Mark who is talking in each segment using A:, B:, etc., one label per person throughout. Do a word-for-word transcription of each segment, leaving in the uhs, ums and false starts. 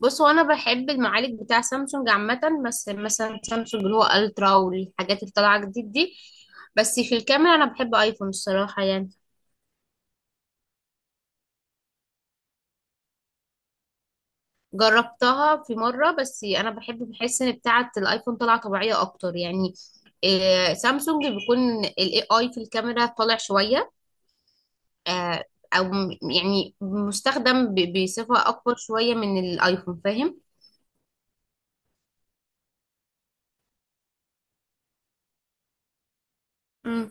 A: بص، هو انا بحب المعالج بتاع سامسونج عامه. بس مثلا سامسونج اللي هو الترا والحاجات اللي طالعه جديد دي. بس في الكاميرا انا بحب ايفون الصراحه يعني. جربتها في مره، بس انا بحب بحس ان بتاعه الايفون طالعه طبيعيه اكتر يعني. آه، سامسونج بيكون الاي اي في الكاميرا طالع شويه. آه، او م- يعني مستخدم ب- بصفه اكبر شويه من الايفون، فاهم؟ امم.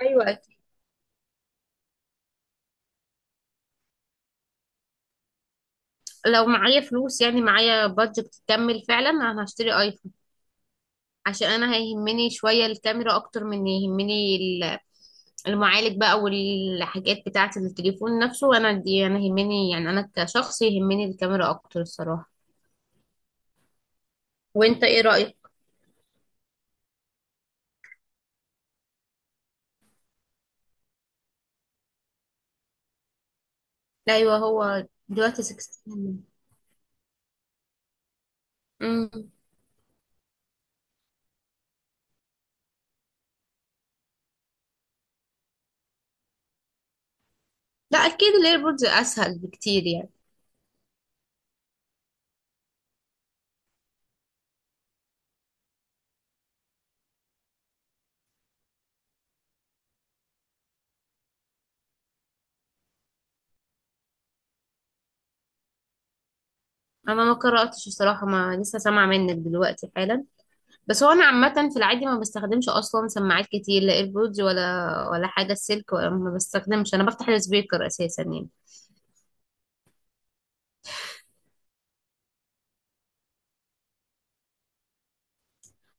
A: ايوه. لو معايا فلوس، يعني معايا بادجت تكمل فعلا، انا هشتري. عشان انا هيهمني شوية الكاميرا اكتر من يهمني ال- المعالج بقى والحاجات بتاعة التليفون نفسه، وانا دي انا يهمني، يعني انا كشخص يهمني الكاميرا اكتر الصراحة. وانت ايه رأيك؟ ايوه، هو دلوقتي ستاشر. امم. لا اكيد الايربودز اسهل بكتير يعني. انا ما قرأتش الصراحة، ما لسه سامعة منك دلوقتي حالا. بس هو انا عامة في العادي ما بستخدمش اصلا سماعات كتير، لا ايربودز ولا ولا حاجة السلك، ولا ما بستخدمش، انا بفتح السبيكر اساسا يعني.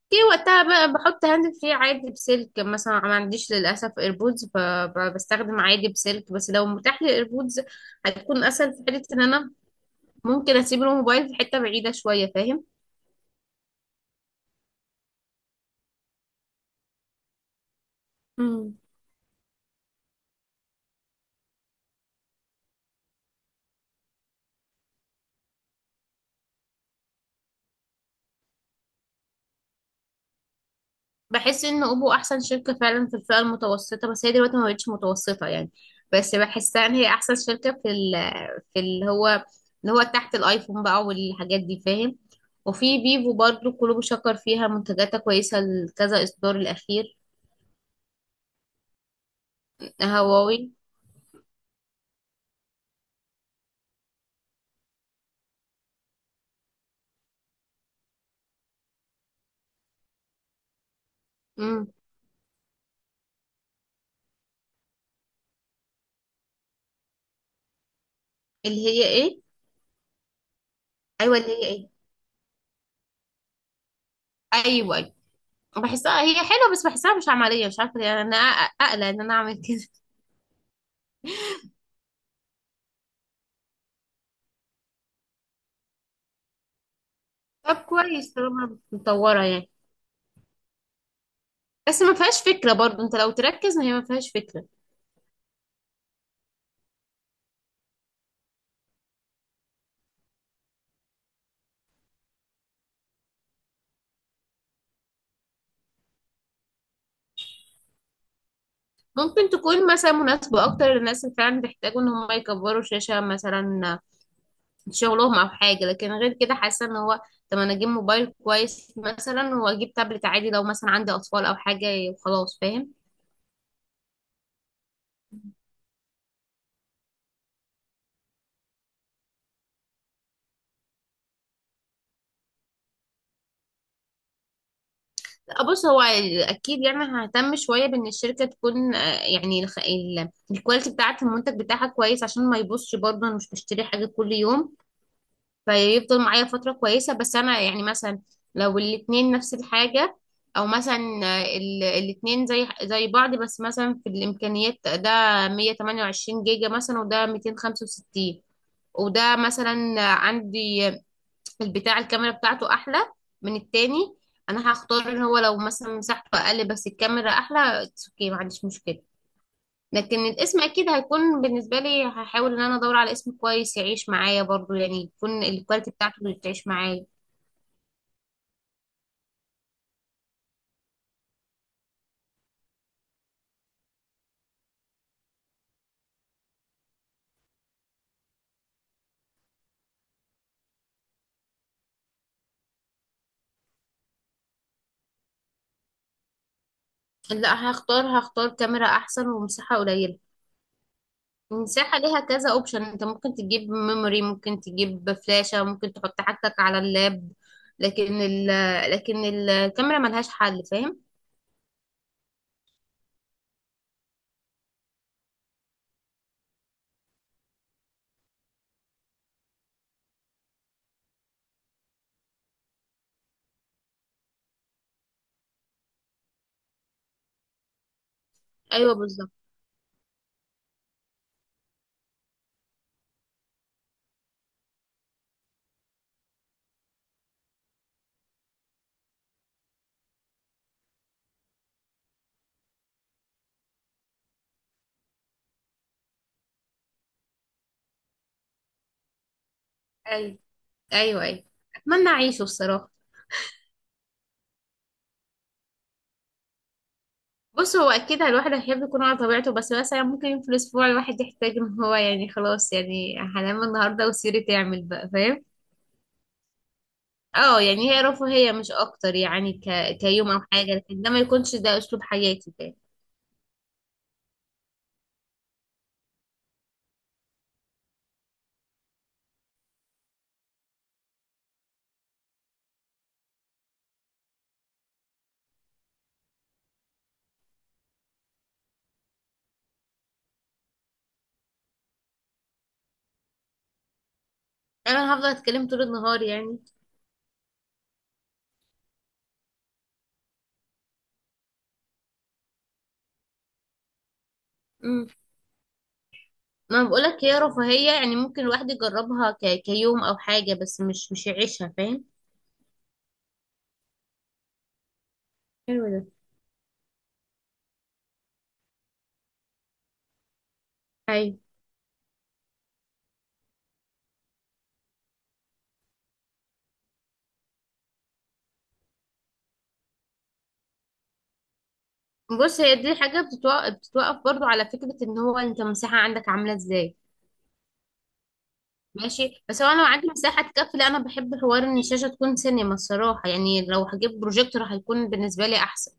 A: كي وقتها بقى بحط هاند فري عادي بسلك مثلا، ما عنديش للاسف ايربودز، فبستخدم عادي بسلك. بس لو متاح لي ايربودز هتكون اسهل في حته ان انا ممكن اسيب الموبايل في حته بعيده شويه، فاهم؟ امم. بحس ان اوبو احسن شركه فعلا في الفئه المتوسطه، بس هي دلوقتي ما بقتش متوسطه يعني. بس بحسها ان هي احسن شركه في ال في اللي هو اللي هو تحت الايفون بقى والحاجات دي، فاهم؟ وفي فيفو برضو كله بيشكر فيها، منتجاتها كويسه لكذا اصدار الاخير. هواوي. امم. اللي هي ايه؟ ايوه اللي هي ايه. ايوه ايوه. بحسها هي حلوه، بس بحسها مش عمليه، مش عارفه ليه يعني، انا أق- اقلق ان انا اعمل كده. طب كويس طالما مطوره يعني. بس ما فيهاش فكره برضو، انت لو تركز هي ما فيهاش فكره. ممكن تكون مثلا مناسبه اكتر للناس اللي فعلا بيحتاجوا ان هم يكبروا شاشه مثلا في شغلهم او حاجه، لكن غير كده حاسه ان هو، طب انا اجيب موبايل كويس مثلا واجيب تابلت عادي لو مثلا عندي اطفال او حاجه وخلاص، فاهم؟ بص، هو اكيد يعني ههتم شويه بان الشركه تكون، آه، يعني الخ- ال- الكواليتي بتاعه المنتج بتاعها كويس عشان ما يبصش برضه، انا مش بشتري حاجه كل يوم، فيفضل معايا فتره كويسه. بس انا يعني مثلا لو الاتنين نفس الحاجه، او مثلا آه، ال- الاتنين زي زي بعض، بس مثلا في الامكانيات ده 128 جيجا مثلا وده ميتين وخمسة وستين، وده مثلا عندي البتاع الكاميرا بتاعته احلى من التاني، انا هختار ان هو لو مثلا مساحته اقل بس الكاميرا احلى، اتس اوكي ما عنديش مشكله. لكن الاسم اكيد هيكون بالنسبه لي، هحاول ان انا ادور على اسم كويس يعيش معايا برضو، يعني يكون الكواليتي بتاعته اللي تعيش معايا. لا، هختار هختار كاميرا احسن ومساحه قليله. المساحه ليها كذا اوبشن، انت ممكن تجيب ميموري، ممكن تجيب فلاشة، ممكن تحط حاجتك على اللاب، لكن ال لكن الكاميرا ملهاش حل، فاهم؟ ايوه بالظبط. أيوة. ايوه ايوه. اتمنى اعيشه الصراحه. بص، هو اكيد الواحد هيحب يكون على طبيعته، بس مثلا ممكن في الاسبوع الواحد يحتاج ان هو، يعني خلاص يعني هنام النهارده وسيري تعمل بقى، فاهم؟ اه، يعني هي رفاهيه مش اكتر يعني، ك... كيوم او حاجه، لكن ده ما يكونش ده اسلوب حياتي ده. انا هفضل اتكلم طول النهار يعني. امم. ما أنا بقولك هي رفاهيه يعني، ممكن الواحد يجربها ك... كيوم او حاجه، بس مش مش يعيشها، فاهم؟ حلو ده. ايوه. بص، هي دي حاجه بتتوقف, بتتوقف برضو على فكره ان هو انت المساحه عندك عامله ازاي. ماشي. بس هو انا لو عندي مساحه تكفي، لا انا بحب حوار ان الشاشه تكون سينما الصراحه يعني، لو هجيب بروجيكتور هيكون بالنسبه لي احسن.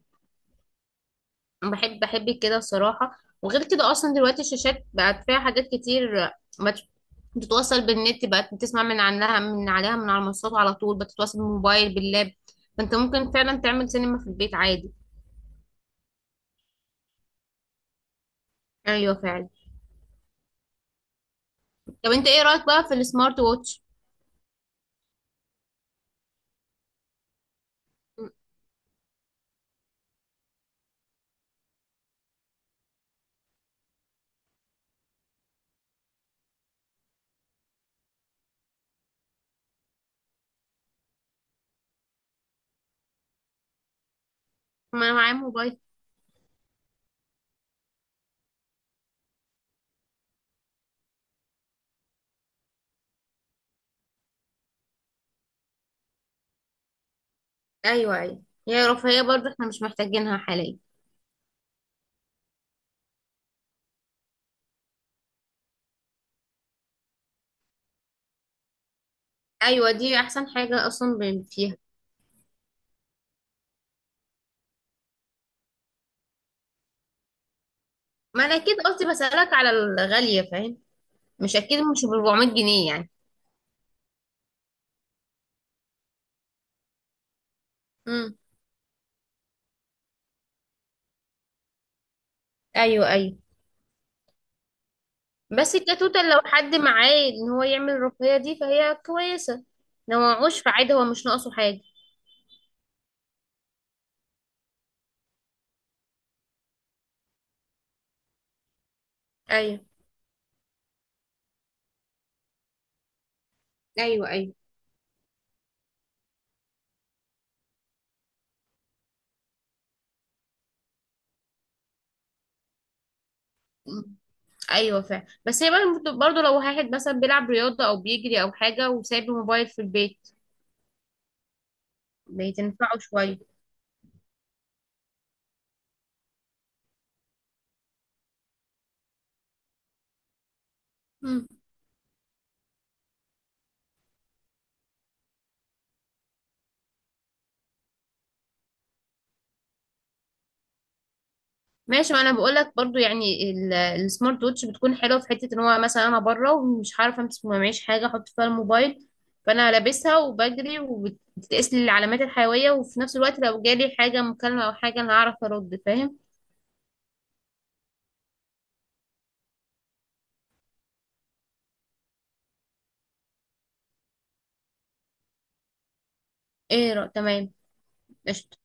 A: انا بحب بحب كده الصراحه. وغير كده اصلا دلوقتي الشاشات بقت فيها حاجات كتير، بت- بتتوصل بالنت، بقت بتسمع من عنها من عليها من على المنصات على طول، بتتواصل بالموبايل باللاب، فانت ممكن فعلا تعمل سينما في البيت عادي. ايوه فعلا. طب انت ايه رايك بقى في السمارت ووتش؟ ما انا معايا موبايل. ايوه ايوه. هي رفاهيه برضه، احنا مش محتاجينها حاليا. ايوه دي احسن حاجه اصلا ب- فيها. ما انا اكيد قصدي بسالك على الغاليه، فاهم؟ مش اكيد مش ب اربعميه جنيه يعني. امم. ايوه ايوه. بس كتوتال، لو حد معاه ان هو يعمل الرقيه دي فهي كويسه. لو معهوش فعادي، هو مش ناقصه حاجه. ايوه ايوه ايوه. أمم. ايوه فعلا، بس هي برضه برضه لو واحد مثلا بيلعب رياضه او بيجري او حاجه وسايب الموبايل في البيت بتنفعه شويه. ماشي. ما انا بقول لك برضو يعني ال- السمارت ووتش بتكون حلوه في حته ان هو مثلا انا بره ومش عارفه امسك، ما معيش حاجه احط فيها الموبايل، فانا لابسها وبجري وبتقيس لي العلامات الحيويه، وفي نفس الوقت لو جالي حاجه مكالمه او حاجه انا هعرف ارد، فاهم؟ ايه رأ... تمام. قشطه.